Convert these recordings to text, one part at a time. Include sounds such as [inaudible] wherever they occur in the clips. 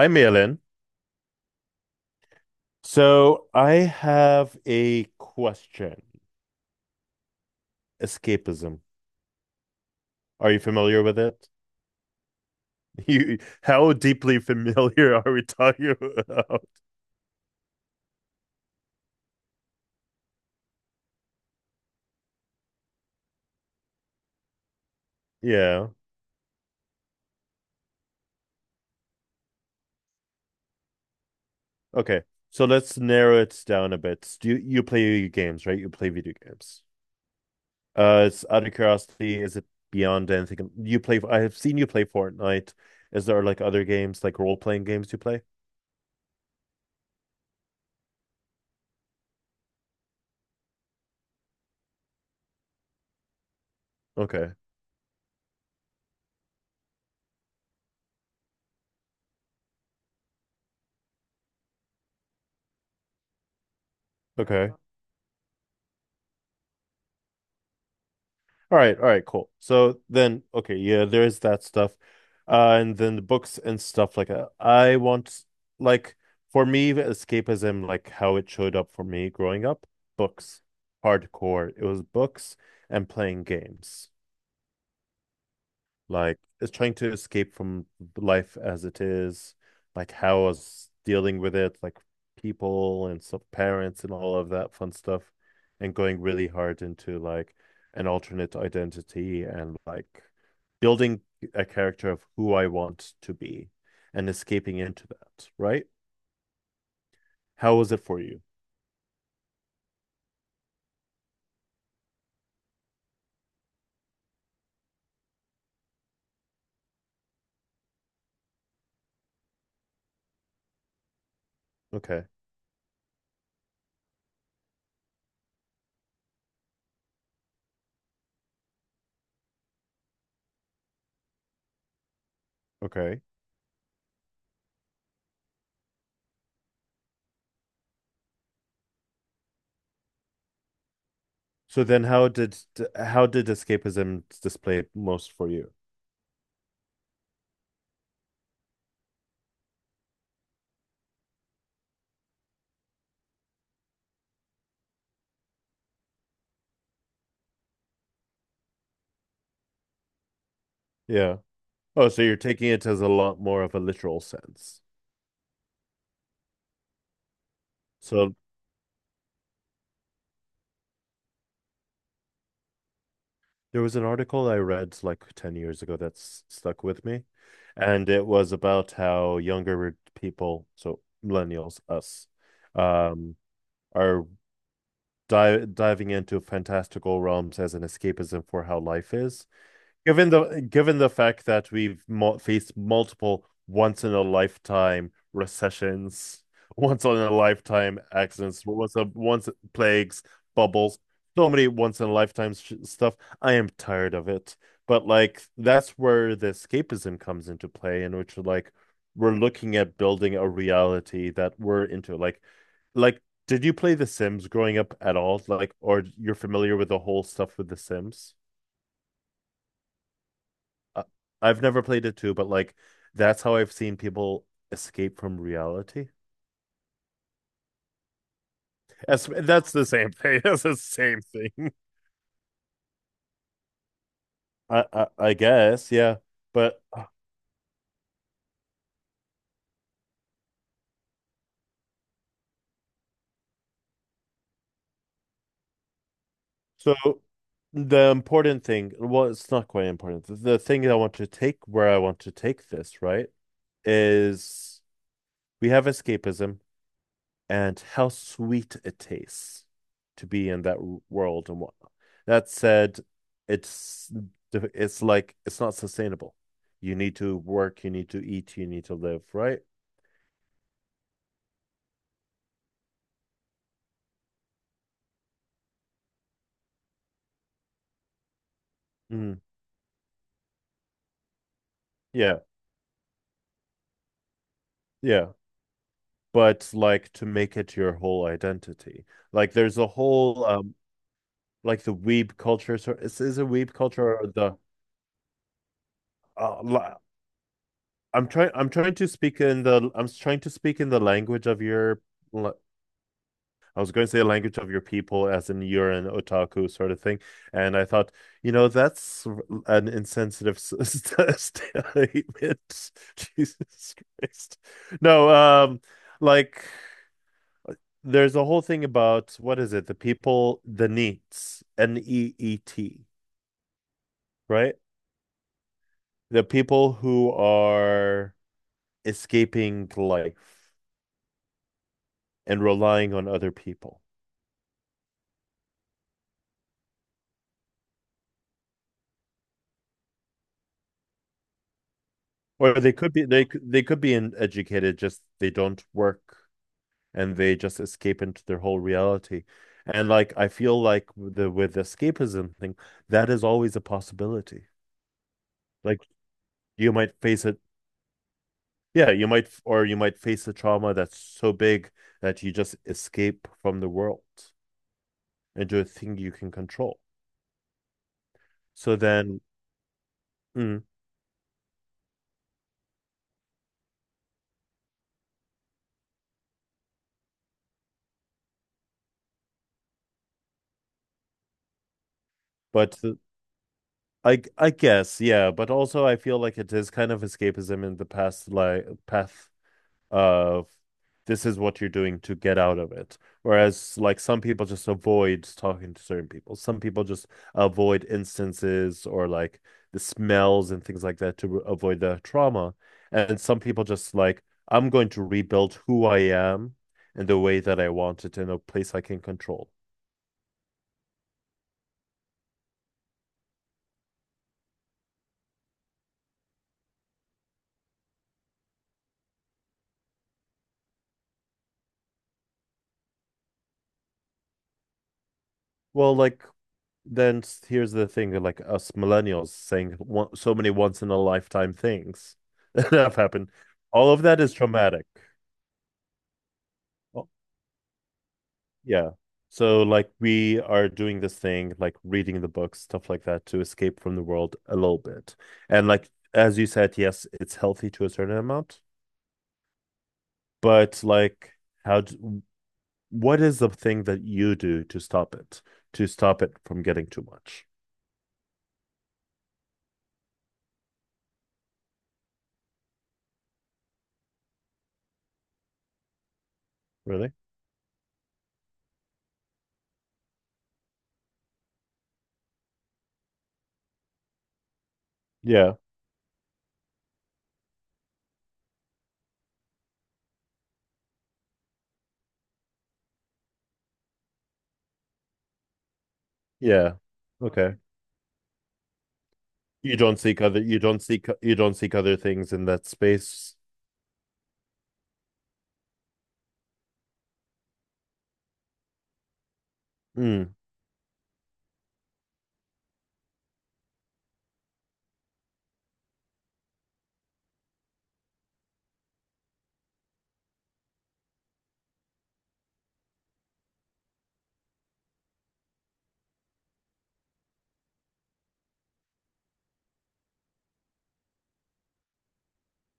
Hi, Malin. So I have a question. Escapism. Are you familiar with it? [laughs] You, how deeply familiar are we talking about? Yeah. Okay. So let's narrow it down a bit. You play games, right? You play video games. It's out of curiosity, is it beyond anything? You play, I have seen you play Fortnite. Is there like other games, like role-playing games you play? Okay. Okay. All right, cool. So then, okay, yeah, there is that stuff. And then the books and stuff like that. Like, for me, escapism, like how it showed up for me growing up, books, hardcore. It was books and playing games like is trying to escape from life as it is, like how I was dealing with it, like people and some parents and all of that fun stuff, and going really hard into like an alternate identity and like building a character of who I want to be and escaping into that, right? How was it for you? Okay, okay. So then how did escapism display most for you? Yeah. Oh, so you're taking it as a lot more of a literal sense. So there was an article I read like 10 years ago that's stuck with me, and it was about how younger people, so millennials, us, um, are di diving into fantastical realms as an escapism for how life is. Given the fact that we've mo faced multiple once in a lifetime recessions, [laughs] once in a lifetime accidents, once plagues, bubbles, so many once in a lifetime sh stuff, I am tired of it. But like that's where the escapism comes into play, in which like we're looking at building a reality that we're into. Like did you play The Sims growing up at all? Like, or you're familiar with the whole stuff with The Sims? I- I've never played it too, but like that's how I've seen people escape from reality. As, that's the same thing. [laughs] That's the same thing. I guess, yeah. But so the important thing, well, it's not quite important. The thing that I want to take this, right, is we have escapism, and how sweet it tastes to be in that world and what that said, it's it's not sustainable. You need to work, you need to eat, you need to live, right? mm, yeah. Yeah, but like to make it your whole identity, like there's a whole like the weeb culture. Is a weeb culture or the uh, la- I'm trying to speak in the I'm trying to speak in the language of your la- I was going to say a language of your people, as in you're an otaku sort of thing. And I thought, you know, that's an insensitive statement. [laughs] Jesus Christ. No, like there's a whole thing about what is it? The people, the neets, NEET, right? The people who are escaping life and relying on other people. Or they could be in educated, just they don't work and they just escape into their whole reality. And like I feel like the with the escapism thing, that is always a possibility. Like you might face it, yeah, you might or you might face a trauma that's so big that you just escape from the world into a thing you can control. So then, mm, but the- I guess yeah, but also I feel like it is kind of escapism in the past like path of this is what you're doing to get out of it. Whereas, like, some people just avoid talking to certain people. Some people just avoid instances or like the smells and things like that to avoid the trauma. And some people just like, I'm going to rebuild who I am in the way that I want it in a place I can control. Well, like, then here's the thing, like, us millennials saying so many once in a lifetime things [laughs] that have happened. All of that is traumatic. Yeah. So like we are doing this thing, like reading the books, stuff like that, to escape from the world a little bit. And like as you said, yes, it's healthy to a certain amount, but like how d what is the thing that you do to stop it from getting too much? Really? Yeah. Yeah. Okay. You don't seek other you don't seek other things in that space. Mm.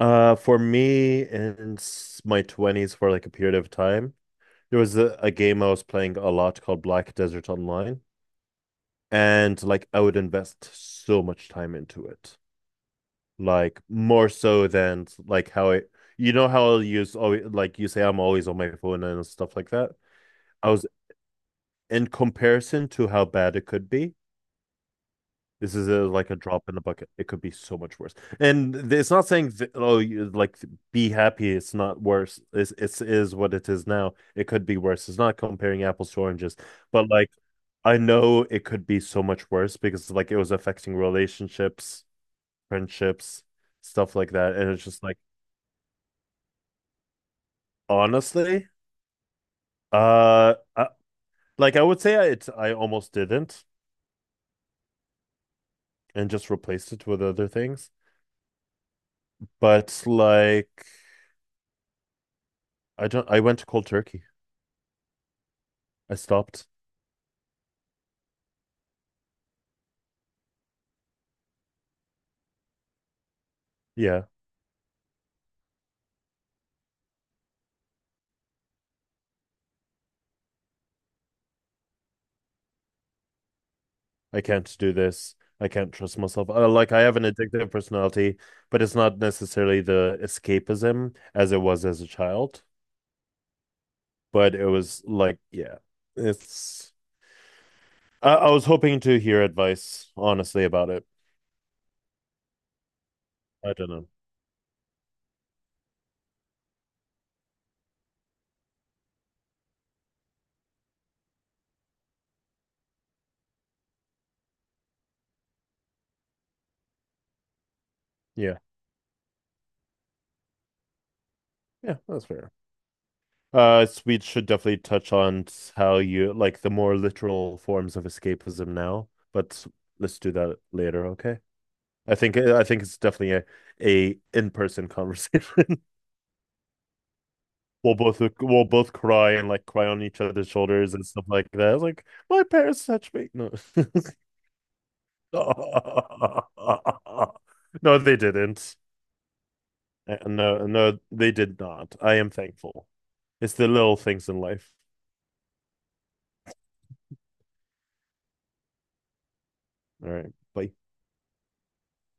For me in my 20s for like a period of time, there was a game I was playing a lot called Black Desert Online, and like I would invest so much time into it, like more so than like how I, you know, how I'll use always like you say I'm always on my phone and stuff like that. I was in comparison to how bad it could be. This is a, like a drop in the bucket. It could be so much worse. And it's not saying oh you, like be happy. It's not worse. It's is what it is now. It could be worse. It's not comparing apples to oranges, but like I know it could be so much worse because like it was affecting relationships, friendships, stuff like that. And it's just like honestly, uh, I, like I would say it's I almost didn't and just replaced it with other things. But like I don't. I went to cold turkey. I stopped. Yeah, I can't do this. I can't trust myself. Like I have an addictive personality, but it's not necessarily the escapism as it was as a child. But it was like, yeah, it's. I was hoping to hear advice, honestly, about it. I don't know. Yeah, yeah, that's fair. So we should definitely touch on how you like the more literal forms of escapism now, but let's do that later, okay? I think it's definitely a in-person [laughs] conversation. We'll both cry and like cry on each other's shoulders and stuff like that. It's like my parents touched me. No, [laughs] no, they didn't. No, no, they did not. I am thankful. It's the little things in life. All right, bye.